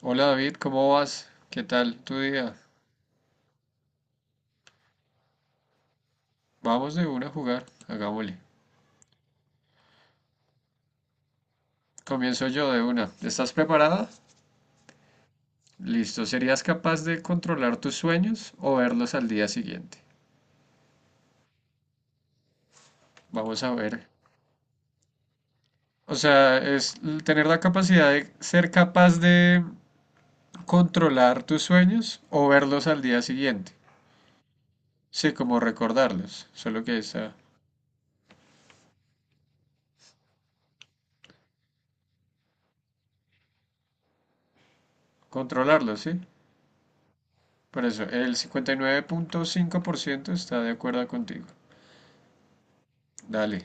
Hola David, ¿cómo vas? ¿Qué tal tu día? Vamos de una a jugar, hagámosle. Comienzo yo de una. ¿Estás preparada? Listo. ¿Serías capaz de controlar tus sueños o verlos al día siguiente? Vamos a ver. O sea, tener la capacidad de ser capaz de controlar tus sueños o verlos al día siguiente. Sí, como recordarlos, solo que está controlarlos, ¿sí? Por eso, el 59.5% está de acuerdo contigo. Dale.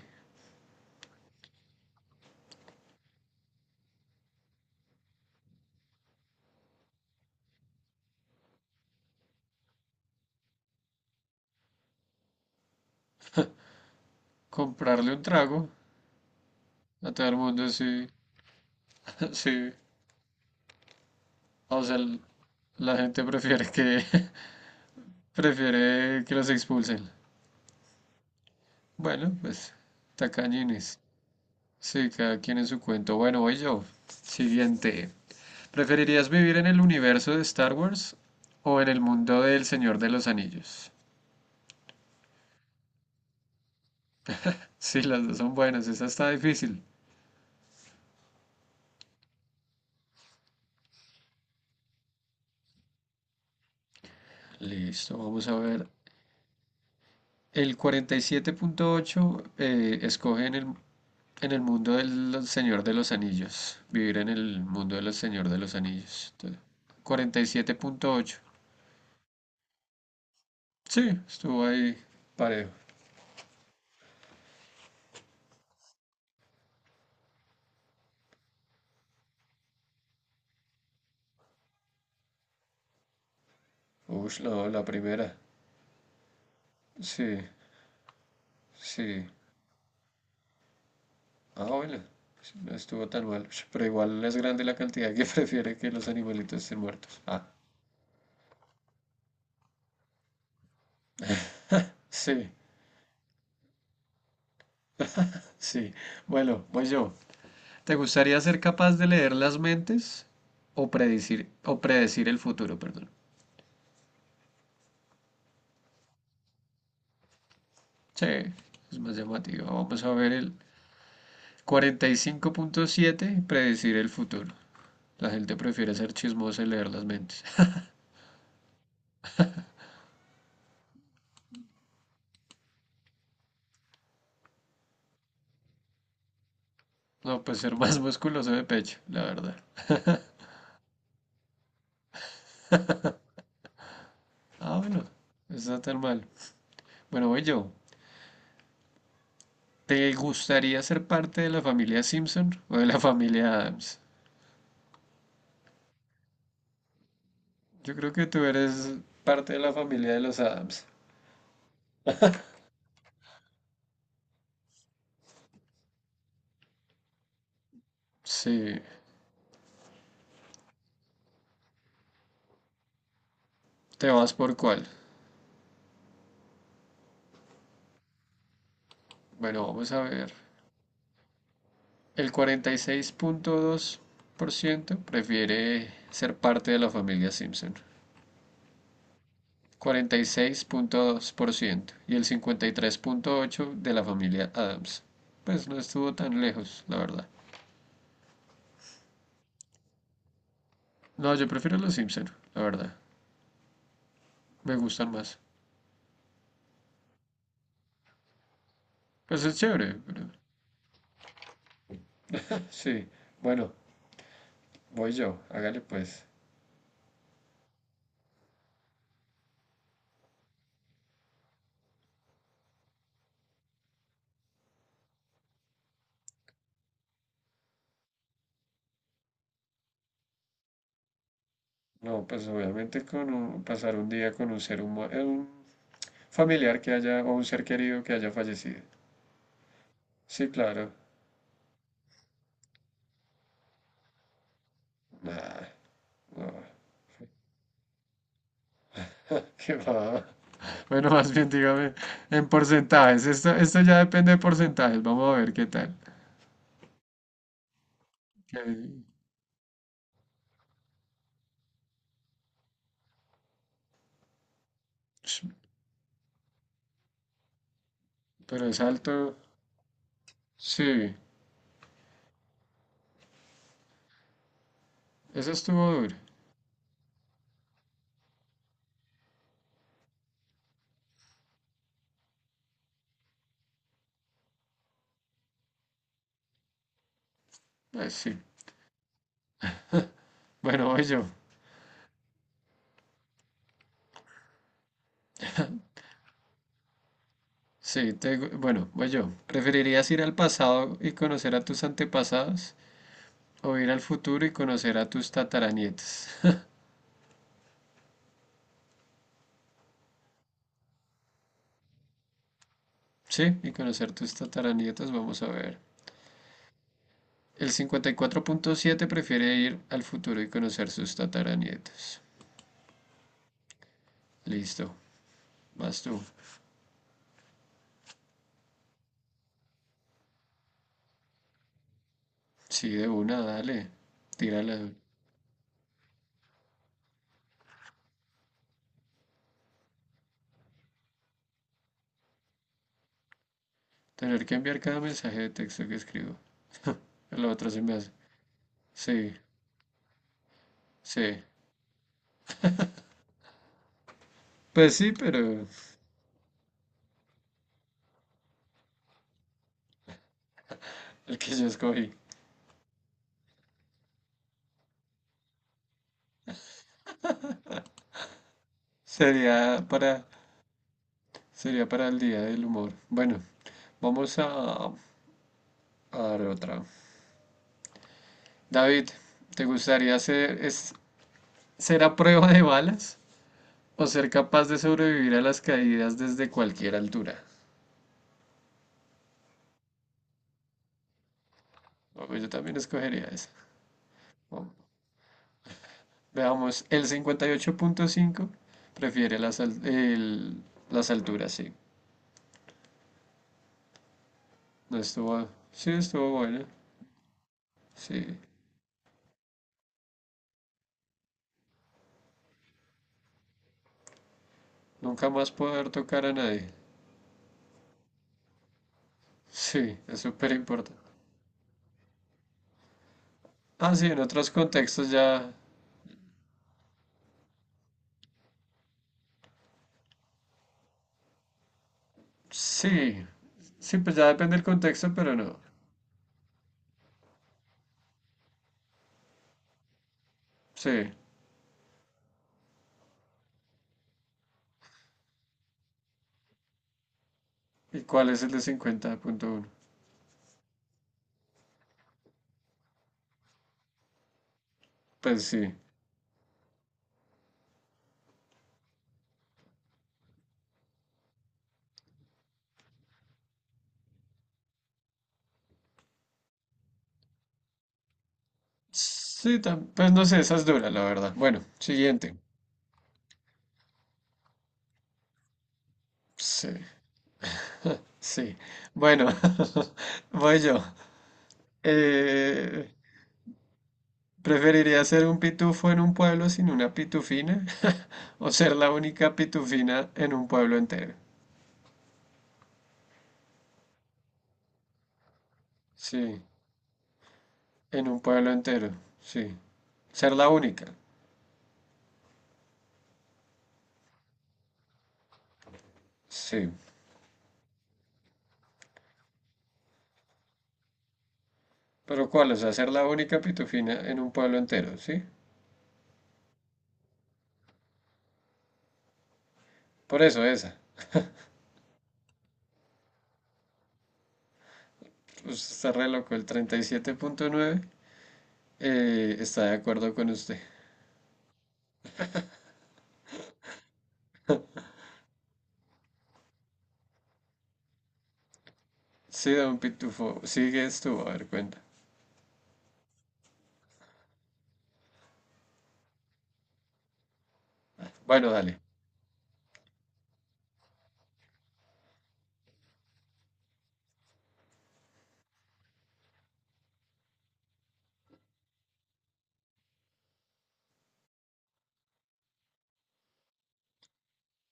Comprarle un trago a todo el mundo, sí, sí. O sea, la gente prefiere que prefiere que los expulsen. Bueno, pues tacañines. Sí, cada quien en su cuento. Bueno, voy yo. Siguiente. ¿Preferirías vivir en el universo de Star Wars o en el mundo del Señor de los Anillos? Sí, las dos son buenas. Esta está difícil. Listo, vamos a ver. El 47.8 escoge en el En el mundo del Señor de los Anillos. Vivir en el mundo del Señor de los Anillos. Entonces, 47.8. Sí, estuvo ahí parejo. Uy, no, la primera. Sí, sí. Ah, bueno, sí, no estuvo tan mal. Ush, pero igual es grande la cantidad que prefiere que los animalitos estén muertos. Ah, sí, sí. Bueno, voy yo. ¿Te gustaría ser capaz de leer las mentes o predecir el futuro, perdón? Sí, es más llamativo. Vamos a ver el 45.7, predecir el futuro. La gente prefiere ser chismosa y leer las mentes. No, pues ser más musculoso de pecho, la verdad. Ah, bueno, no está tan mal. Bueno, voy yo. ¿Te gustaría ser parte de la familia Simpson o de la familia Adams? Yo creo que tú eres parte de la familia de los Adams. Sí, ¿te vas por cuál? Bueno, vamos a ver. El 46.2% prefiere ser parte de la familia Simpson. 46.2% y el 53.8% de la familia Adams. Pues no estuvo tan lejos, la verdad. No, yo prefiero los Simpson, la verdad. Me gustan más. Pues es chévere, pero... Sí, bueno, voy yo, hágale pues. No, pues obviamente con pasar un día con un ser humano, un familiar que haya, o un ser querido que haya fallecido. Sí, claro. Nah, no, qué va. Bueno, más bien dígame en porcentajes. Esto ya depende de porcentajes. Vamos a ver qué tal. Que- sh- Pero es alto. Sí, eso estuvo duro. Sí. Bueno, voy yo. Sí, te bueno, voy yo. ¿Preferirías ir al pasado y conocer a tus antepasados o ir al futuro y conocer a tus tataranietas? Sí, y conocer tus tataranietas, vamos a ver. El 54.7 prefiere ir al futuro y conocer sus tataranietas. Listo, vas tú. Sí, de una, dale. Tírala. De Tener que enviar cada mensaje de texto que escribo. La otra se me hace. Sí, sí. Pues sí, pero el que yo escogí. Sería para, sería para el día del humor. Bueno, vamos a dar otra. David, ¿te gustaría ser a prueba de balas o ser capaz de sobrevivir a las caídas desde cualquier altura? Bueno, yo también escogería esa. Vamos. Veamos, el 58.5 prefiere las alturas, sí. No estuvo, sí, estuvo bueno. Sí, nunca más poder tocar a nadie. Sí, es súper importante. Ah, sí, en otros contextos ya. Sí, sí, pues ya depende del contexto, pero no. Sí, ¿y cuál es el de 50.1? Pues sí. Sí, pues no sé, esa es dura, la verdad. Bueno, siguiente. Sí, sí. Bueno, voy yo. Eh, ¿Preferiría ser un pitufo en un pueblo sin una pitufina o ser la única pitufina en un pueblo entero? Sí, en un pueblo entero, sí. Ser la única, sí. Pero ¿cuál? O sea, ser la única pitufina en un pueblo entero, ¿sí? Por eso esa. Usted está re loco, el 37.9 está de acuerdo con usted. Sí, don Pitufo, sigues tú, a ver, cuenta. Bueno, dale.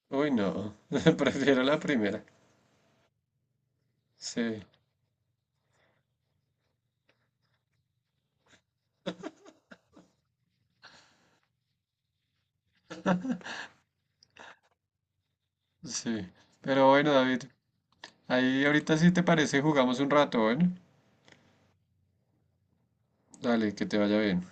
Uy, no, prefiero la primera. Sí, sí. Pero bueno, David, ahí ahorita si te parece jugamos un rato, bueno. Dale, que te vaya bien.